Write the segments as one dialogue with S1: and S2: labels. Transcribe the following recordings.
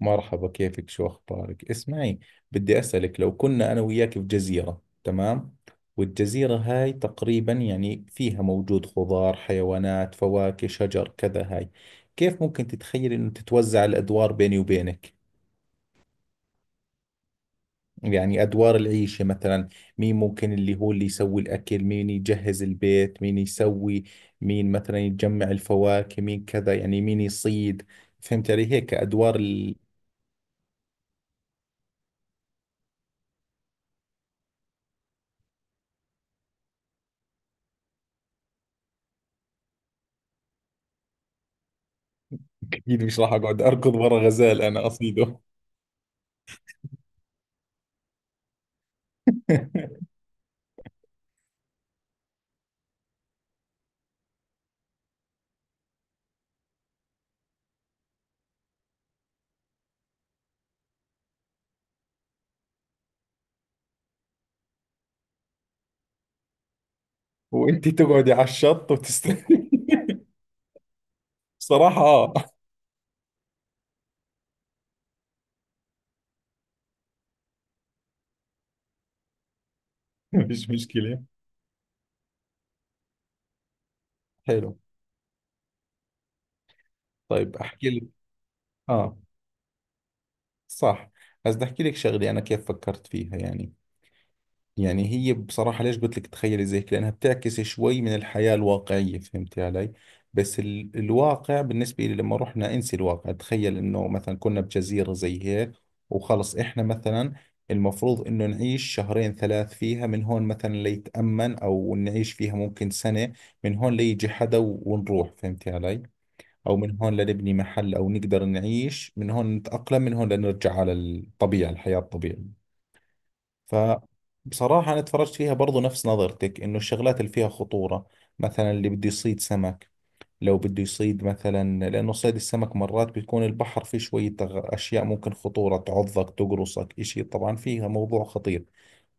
S1: مرحبا، كيفك؟ شو أخبارك؟ اسمعي، بدي أسألك، لو كنا أنا وياك في جزيرة، تمام؟ والجزيرة هاي تقريبا يعني فيها موجود خضار، حيوانات، فواكه، شجر، كذا. هاي كيف ممكن تتخيل إنه تتوزع الأدوار بيني وبينك؟ يعني أدوار العيشة مثلا، مين ممكن اللي هو اللي يسوي الأكل، مين يجهز البيت، مين يسوي، مين مثلا يجمع الفواكه، مين كذا، يعني مين يصيد. فهمت علي؟ هيك أدوار. اكيد مش راح اقعد اركض ورا غزال انا اصيده. وانت تقعدي على الشط وتستني. بصراحة اه. مش مشكلة. حلو. طيب احكي لك. اه، صح. بس بدي احكي لك شغلة انا كيف فكرت فيها يعني. يعني هي بصراحة ليش قلت لك تخيلي زي كذا؟ لأنها بتعكس شوي من الحياة الواقعية. فهمتي علي؟ بس الواقع بالنسبة لي، لما رحنا انسي الواقع، تخيل إنه مثلا كنا بجزيرة زي هيك. وخلص إحنا مثلا، المفروض إنه نعيش شهرين ثلاث فيها، من هون مثلا ليتأمن، أو نعيش فيها ممكن سنة، من هون ليجي حدا ونروح. فهمتي علي؟ أو من هون لنبني محل، أو نقدر نعيش من هون، نتأقلم، من هون لنرجع على الطبيعة، الحياة الطبيعية. فبصراحة أنا اتفرجت فيها برضو نفس نظرتك، إنه الشغلات اللي فيها خطورة، مثلا اللي بده يصيد سمك، لو بده يصيد مثلا، لأنه صيد السمك مرات بيكون البحر فيه شوية أشياء ممكن خطورة، تعضك، تقرصك، إشي طبعا فيها موضوع خطير.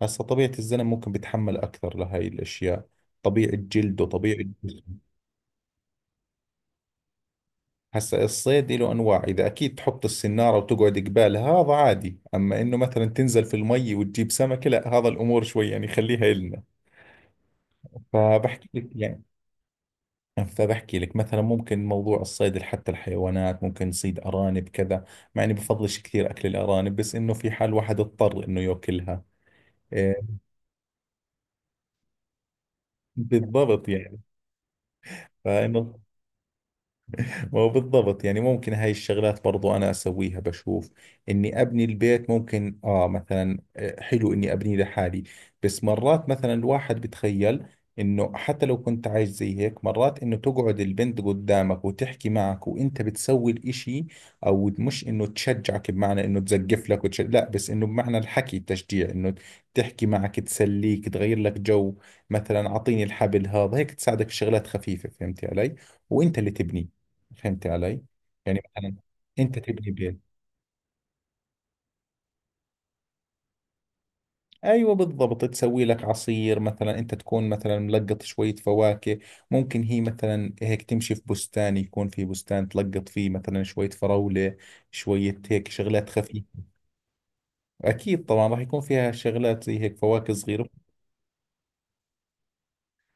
S1: هسا طبيعة الزلم ممكن بيتحمل أكثر لهاي الأشياء، طبيعة جلده، طبيعة جسمه. هسا الصيد له أنواع، إذا أكيد تحط السنارة وتقعد قبالها، هذا عادي. أما إنه مثلا تنزل في المي وتجيب سمكة، لا، هذا الأمور شوي يعني خليها إلنا. فبحكي لك يعني فبحكي لك مثلا ممكن موضوع الصيد، حتى الحيوانات ممكن نصيد أرانب كذا، مع إني بفضلش كثير أكل الأرانب، بس إنه في حال واحد اضطر إنه يأكلها. إيه، بالضبط يعني. فإنه ما هو بالضبط يعني ممكن هاي الشغلات برضو أنا أسويها، بشوف إني أبني البيت ممكن، آه مثلا، حلو إني أبنيه لحالي. بس مرات مثلا الواحد بتخيل إنه حتى لو كنت عايش زي هيك، مرات إنه تقعد البنت قدامك وتحكي معك وإنت بتسوي الإشي. أو مش إنه تشجعك بمعنى إنه تزقف لك لا، بس إنه بمعنى الحكي، التشجيع، إنه تحكي معك، تسليك، تغير لك جو. مثلا أعطيني الحبل هذا، هيك تساعدك في شغلات خفيفة. فهمتي علي؟ وإنت اللي تبني. فهمت علي؟ يعني مثلا انت تبني بيت، ايوه بالضبط، تسوي لك عصير مثلا، انت تكون مثلا ملقط شوية فواكه. ممكن هي مثلا هيك تمشي في بستان، يكون في بستان تلقط فيه مثلا شوية فراولة، شوية هيك شغلات خفيفة. اكيد طبعا راح يكون فيها شغلات زي هيك، فواكه صغيرة.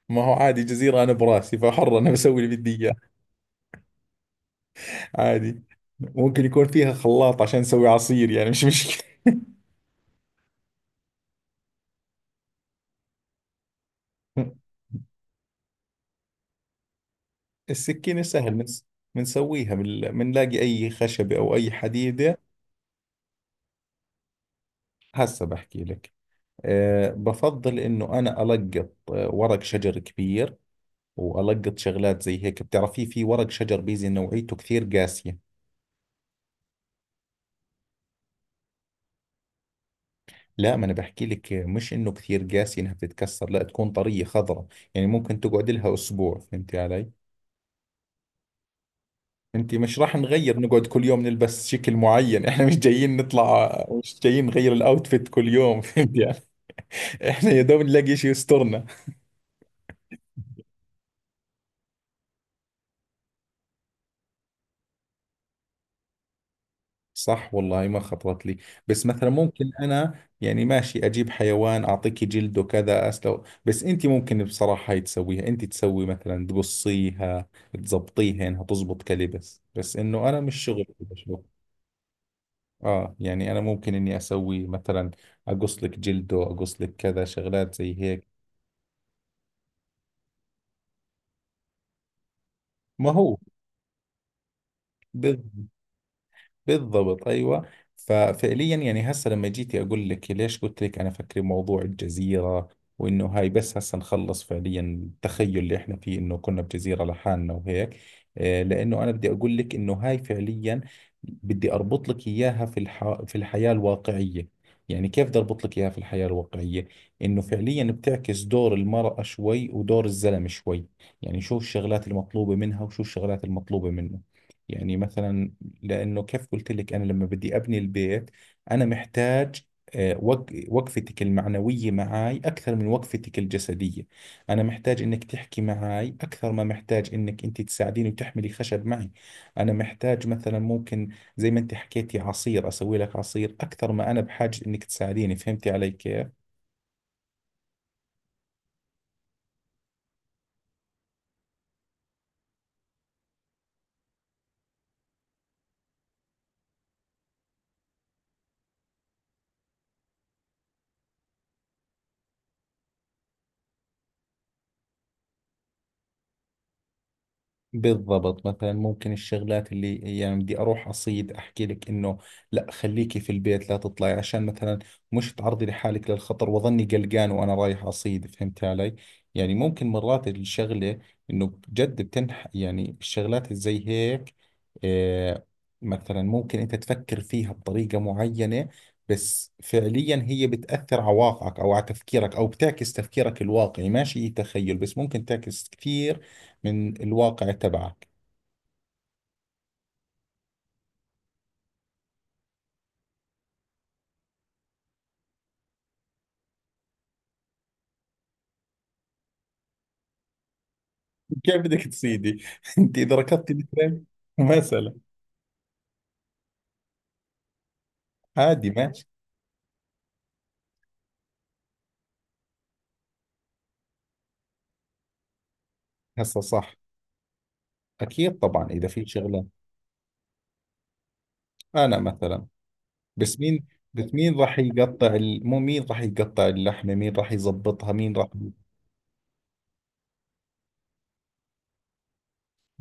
S1: ما هو عادي، جزيرة انا براسي، فحر انا بسوي اللي بدي اياه. عادي. ممكن يكون فيها خلاط عشان اسوي عصير، يعني مش مشكلة. السكينة سهل بنسويها بنلاقي أي خشبة أو أي حديدة. هسا بحكي لك. أه، بفضل إنه أنا ألقط، ورق شجر كبير، وألقط شغلات زي هيك. بتعرفي في ورق شجر بيزي نوعيته كثير قاسية. لا، ما أنا بحكي لك، مش إنه كثير قاسية إنها بتتكسر، لا تكون طرية خضراء. يعني ممكن تقعد لها أسبوع. فهمتي علي؟ انت مش راح نغير، نقعد كل يوم نلبس شكل معين. احنا مش جايين نطلع، مش جايين نغير الاوتفيت كل يوم. فهمتي. احنا يا دوب نلاقي شيء يسترنا. صح والله، ما خطرت لي. بس مثلا ممكن انا يعني ماشي اجيب حيوان اعطيكي جلده كذا اسلو، بس انت ممكن بصراحة هاي تسويها، انت تسوي مثلا تقصيها، تزبطيها انها تزبط كلبس، بس انه انا مش شغل بشوف. اه يعني انا ممكن اني اسوي مثلا، اقص لك جلده، اقص لك كذا شغلات زي هيك. ما هو، بالضبط. بالضبط ايوه. ففعليا يعني هسه لما جيتي اقول لك ليش قلت لك انا فكري موضوع الجزيره، وانه هاي بس هسه نخلص فعليا التخيل اللي احنا فيه، انه كنا بجزيره لحالنا وهيك. لانه انا بدي اقول لك انه هاي فعليا بدي اربط لك اياها في في الحياه الواقعيه. يعني كيف بدي اربط لك اياها في الحياه الواقعيه؟ انه فعليا بتعكس دور المراه شوي، ودور الزلمه شوي. يعني شو الشغلات المطلوبه منها، وشو الشغلات المطلوبه منه. يعني مثلا، لأنه كيف قلت لك أنا لما بدي أبني البيت، أنا محتاج، وقفتك المعنوية معاي أكثر من وقفتك الجسدية. أنا محتاج إنك تحكي معاي أكثر ما محتاج إنك أنت تساعديني وتحملي خشب معي. أنا محتاج مثلا ممكن، زي ما أنت حكيتي عصير، أسوي لك عصير أكثر ما أنا بحاجة إنك تساعديني. فهمتي علي كيف؟ بالضبط. مثلا ممكن الشغلات اللي يعني بدي اروح اصيد، احكي لك انه لا، خليكي في البيت لا تطلعي، عشان مثلا مش تعرضي لحالك للخطر واظني قلقان وانا رايح اصيد. فهمت علي؟ يعني ممكن مرات الشغلة انه جد بتنح يعني الشغلات زي هيك. آه، مثلا ممكن انت تفكر فيها بطريقة معينة، بس فعليا هي بتأثر على واقعك او على تفكيرك، او بتعكس تفكيرك الواقعي. ماشي، تخيل، بس ممكن تعكس كثير من الواقع تبعك. كيف بدك تصيدي؟ انت اذا ركضتي مثلا. مثلا عادي، ماشي. هسه صح، اكيد طبعا اذا في شغله. انا مثلا، بس مين بس مين راح يقطع مو مين راح يقطع اللحمه، مين راح يزبطها، مين راح.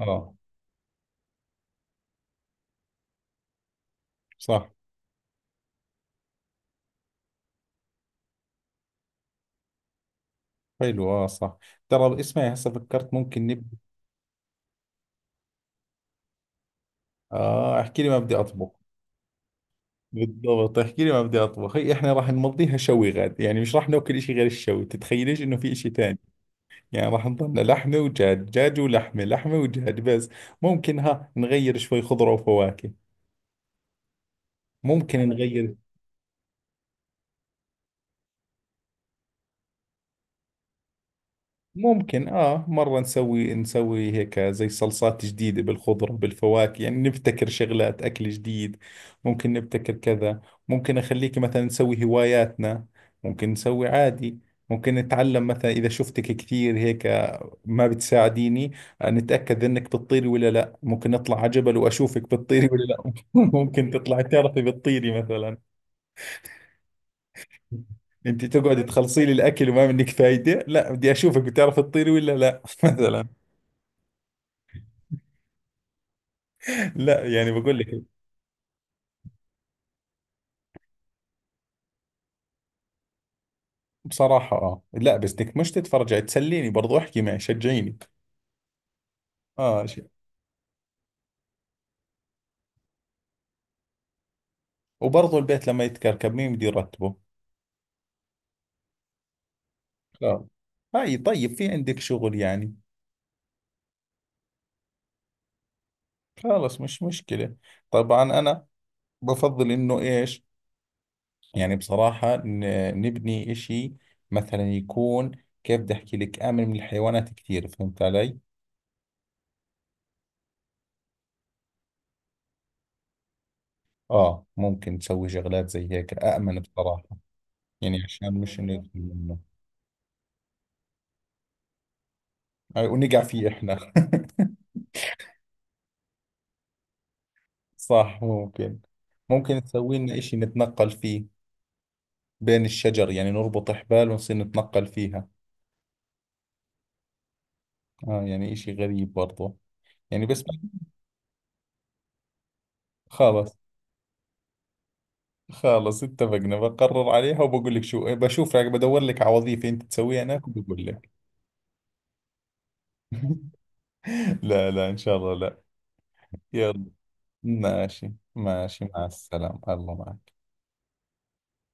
S1: اه صح. حلو، اه صح. ترى اسمعي، هسه فكرت ممكن نبدا. اه، احكي لي، ما بدي اطبخ. بالضبط، احكي لي ما بدي اطبخ. هي احنا راح نمضيها شوي غاد، يعني مش راح ناكل اشي غير الشوي، تتخيليش انه في اشي ثاني. يعني راح نضلنا لحمة ودجاج، دجاج ولحمة، لحمة ودجاج بس. ممكن ها نغير شوي خضرة وفواكه، ممكن على كيف نغير. ممكن آه مرة نسوي هيك زي صلصات جديدة بالخضرة بالفواكه، يعني نبتكر شغلات أكل جديد. ممكن نبتكر كذا. ممكن أخليك مثلا نسوي هواياتنا. ممكن نسوي عادي. ممكن نتعلم مثلا إذا شفتك كثير هيك ما بتساعديني، نتأكد انك بتطيري ولا لا. ممكن اطلع على جبل واشوفك بتطيري ولا لا. ممكن تطلعي تعرفي بتطيري مثلا. انت تقعدي تخلصي لي الاكل وما منك فايدة، لا بدي اشوفك بتعرفي تطيري ولا لا. مثلا. لا يعني بقول لك. بصراحة اه، لا بس بدك مش تتفرجي، تسليني برضو، احكي معي، شجعيني. اه شيء، وبرضو البيت لما يتكركب مين بده يرتبه؟ خلاص. هاي طيب في عندك شغل يعني. خلاص، مش مشكلة. طبعا انا بفضل انه ايش، يعني بصراحة نبني إشي مثلا يكون، كيف بدي أحكي لك، آمن من الحيوانات كثير. فهمت علي؟ آه ممكن تسوي شغلات زي هيك آمن بصراحة، يعني عشان مش إنه يدخل منه. ونقع فيه إحنا. صح، ممكن. ممكن تسوي لنا إشي نتنقل فيه بين الشجر، يعني نربط حبال ونصير نتنقل فيها. آه يعني إشي غريب برضه، يعني بس. خلص. خلص اتفقنا، بقرر عليها وبقول لك، شو بشوف، بدور لك على وظيفة انت تسويها هناك وبقول لك. لا لا إن شاء الله لا. يلا. ماشي ماشي، مع السلامة، الله معك.